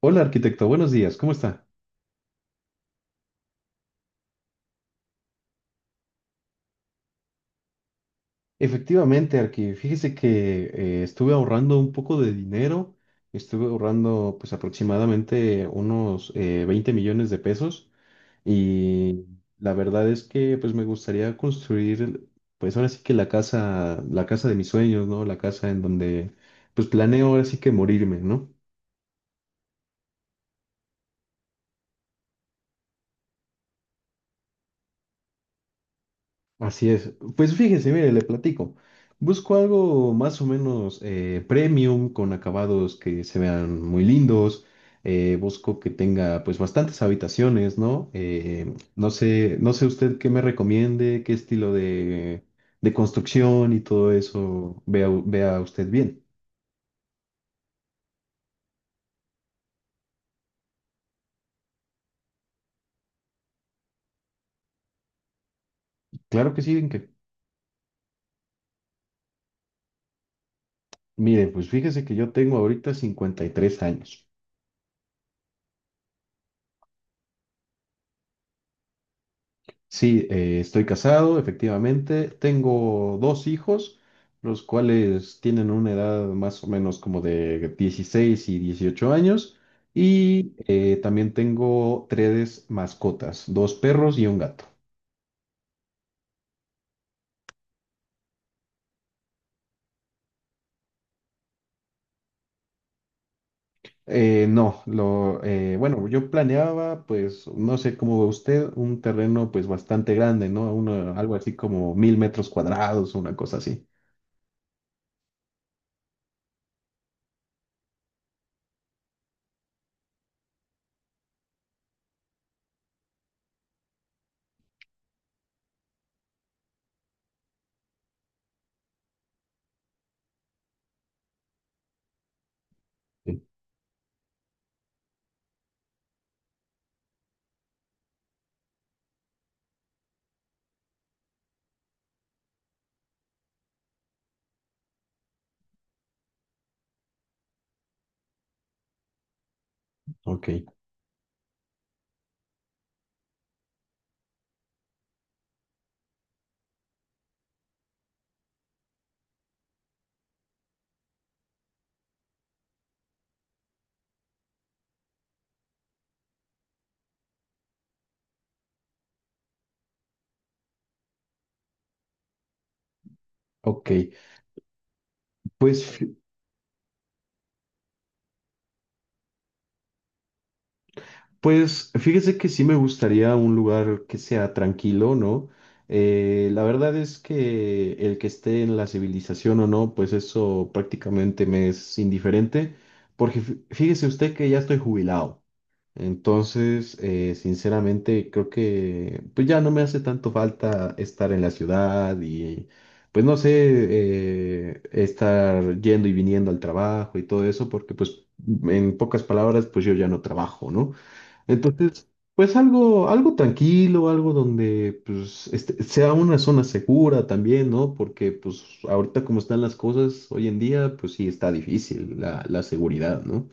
Hola arquitecto, buenos días, ¿cómo está? Efectivamente, Arqui, fíjese que estuve ahorrando un poco de dinero, estuve ahorrando pues aproximadamente unos 20 millones de pesos y la verdad es que pues me gustaría construir pues ahora sí que la casa de mis sueños, ¿no? La casa en donde pues planeo ahora sí que morirme, ¿no? Así es. Pues fíjese, mire, le platico. Busco algo más o menos premium, con acabados que se vean muy lindos. Busco que tenga pues bastantes habitaciones, ¿no? No sé, no sé usted qué me recomiende, qué estilo de construcción y todo eso vea, vea usted bien. Claro que sí, que, mire, pues fíjese que yo tengo ahorita 53 años. Sí, estoy casado, efectivamente. Tengo dos hijos, los cuales tienen una edad más o menos como de 16 y 18 años. Y también tengo tres mascotas, dos perros y un gato. No, lo, bueno, yo planeaba, pues, no sé cómo ve usted, un terreno pues bastante grande, ¿no? Algo así como 1000 metros cuadrados, una cosa así. Sí. Ok, ok. Pues Pues fíjese que sí me gustaría un lugar que sea tranquilo, ¿no? La verdad es que el que esté en la civilización o no, pues eso prácticamente me es indiferente, porque fíjese usted que ya estoy jubilado, entonces sinceramente creo que pues ya no me hace tanto falta estar en la ciudad y pues no sé, estar yendo y viniendo al trabajo y todo eso, porque pues en pocas palabras pues yo ya no trabajo, ¿no? Entonces, pues algo, algo tranquilo, algo donde pues este, sea una zona segura también, ¿no? Porque pues ahorita como están las cosas hoy en día, pues sí está difícil la, la seguridad, ¿no?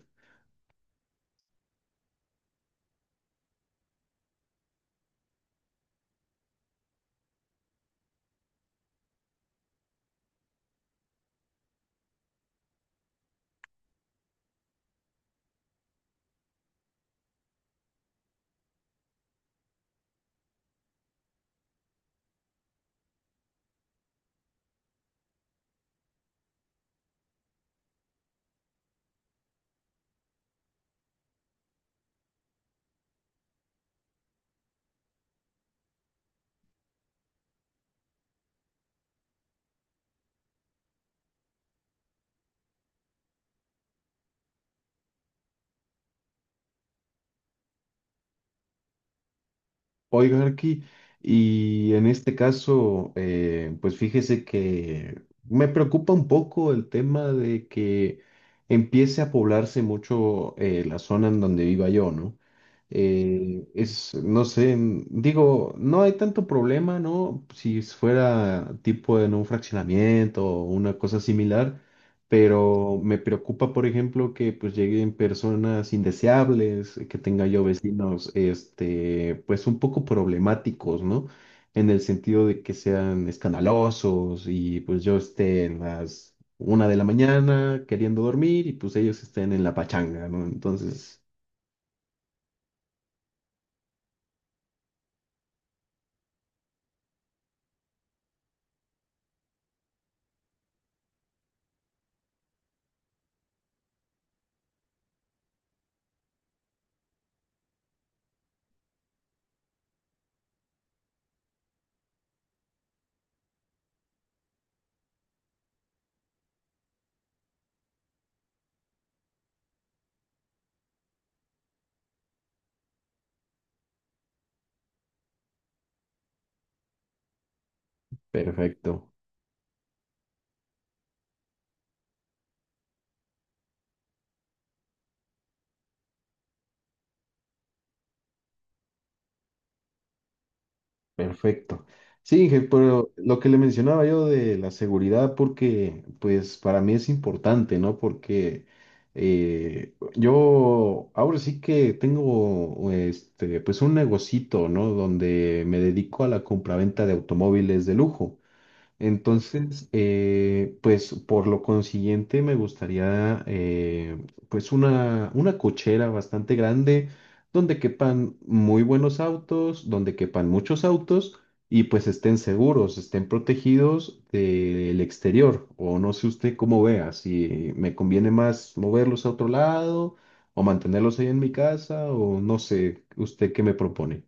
Oiga, Arqui, y en este caso, pues fíjese que me preocupa un poco el tema de que empiece a poblarse mucho la zona en donde viva yo, ¿no? Es, no sé, digo, no hay tanto problema, ¿no? Si fuera tipo en un fraccionamiento o una cosa similar, pero me preocupa, por ejemplo, que pues lleguen personas indeseables, que tenga yo vecinos, este, pues un poco problemáticos, ¿no? En el sentido de que sean escandalosos y pues yo esté en las una de la mañana queriendo dormir y pues ellos estén en la pachanga, ¿no? Entonces, perfecto. Perfecto. Sí, Inge, pero lo que le mencionaba yo de la seguridad, porque pues para mí es importante, ¿no? Porque yo ahora sí que tengo este, pues un negocito, ¿no? Donde me dedico a la compraventa de automóviles de lujo. Entonces, pues por lo consiguiente me gustaría pues una cochera bastante grande donde quepan muy buenos autos, donde quepan muchos autos y pues estén seguros, estén protegidos del exterior. O no sé usted cómo vea, si me conviene más moverlos a otro lado o mantenerlos ahí en mi casa o no sé, usted qué me propone.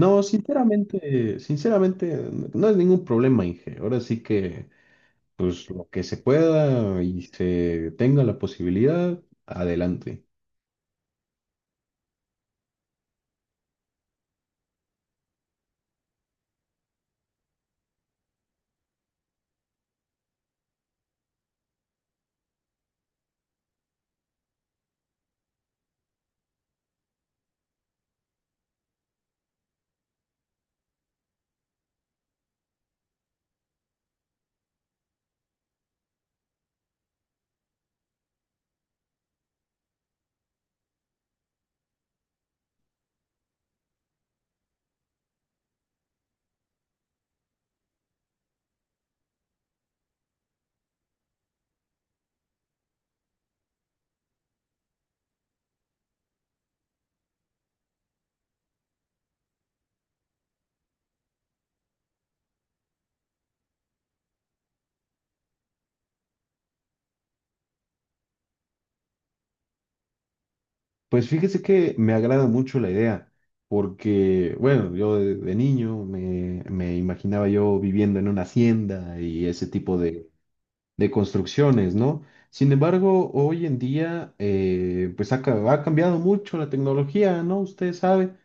No, sinceramente, sinceramente, no es ningún problema, Inge. Ahora sí que, pues lo que se pueda y se tenga la posibilidad, adelante. Pues fíjese que me agrada mucho la idea, porque, bueno, yo de niño me, me imaginaba yo viviendo en una hacienda y ese tipo de construcciones, ¿no? Sin embargo, hoy en día, pues ha, ha cambiado mucho la tecnología, ¿no? Usted sabe.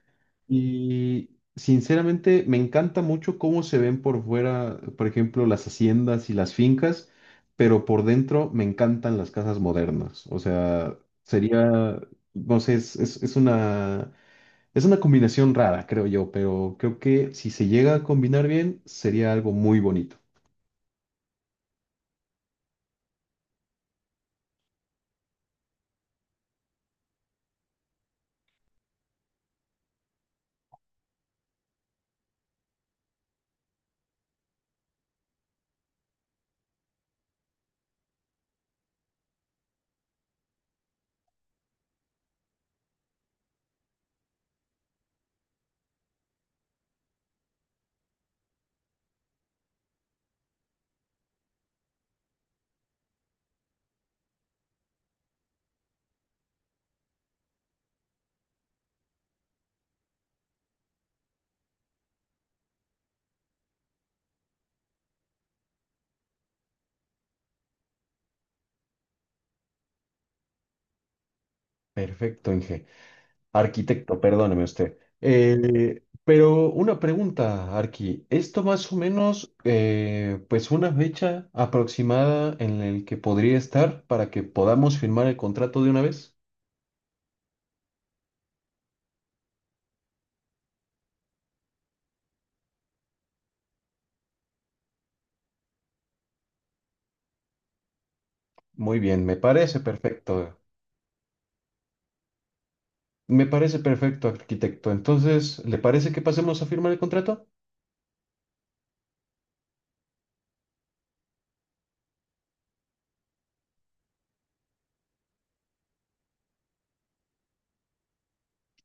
Y sinceramente me encanta mucho cómo se ven por fuera, por ejemplo, las haciendas y las fincas, pero por dentro me encantan las casas modernas. O sea, sería, no sé, es, es una combinación rara, creo yo, pero creo que si se llega a combinar bien, sería algo muy bonito. Perfecto, Inge. Arquitecto, perdóneme usted. Pero una pregunta, Arqui. Esto más o menos, pues una fecha aproximada en el que podría estar para que podamos firmar el contrato de una vez. Muy bien, me parece perfecto. Me parece perfecto, arquitecto. Entonces, ¿le parece que pasemos a firmar el contrato?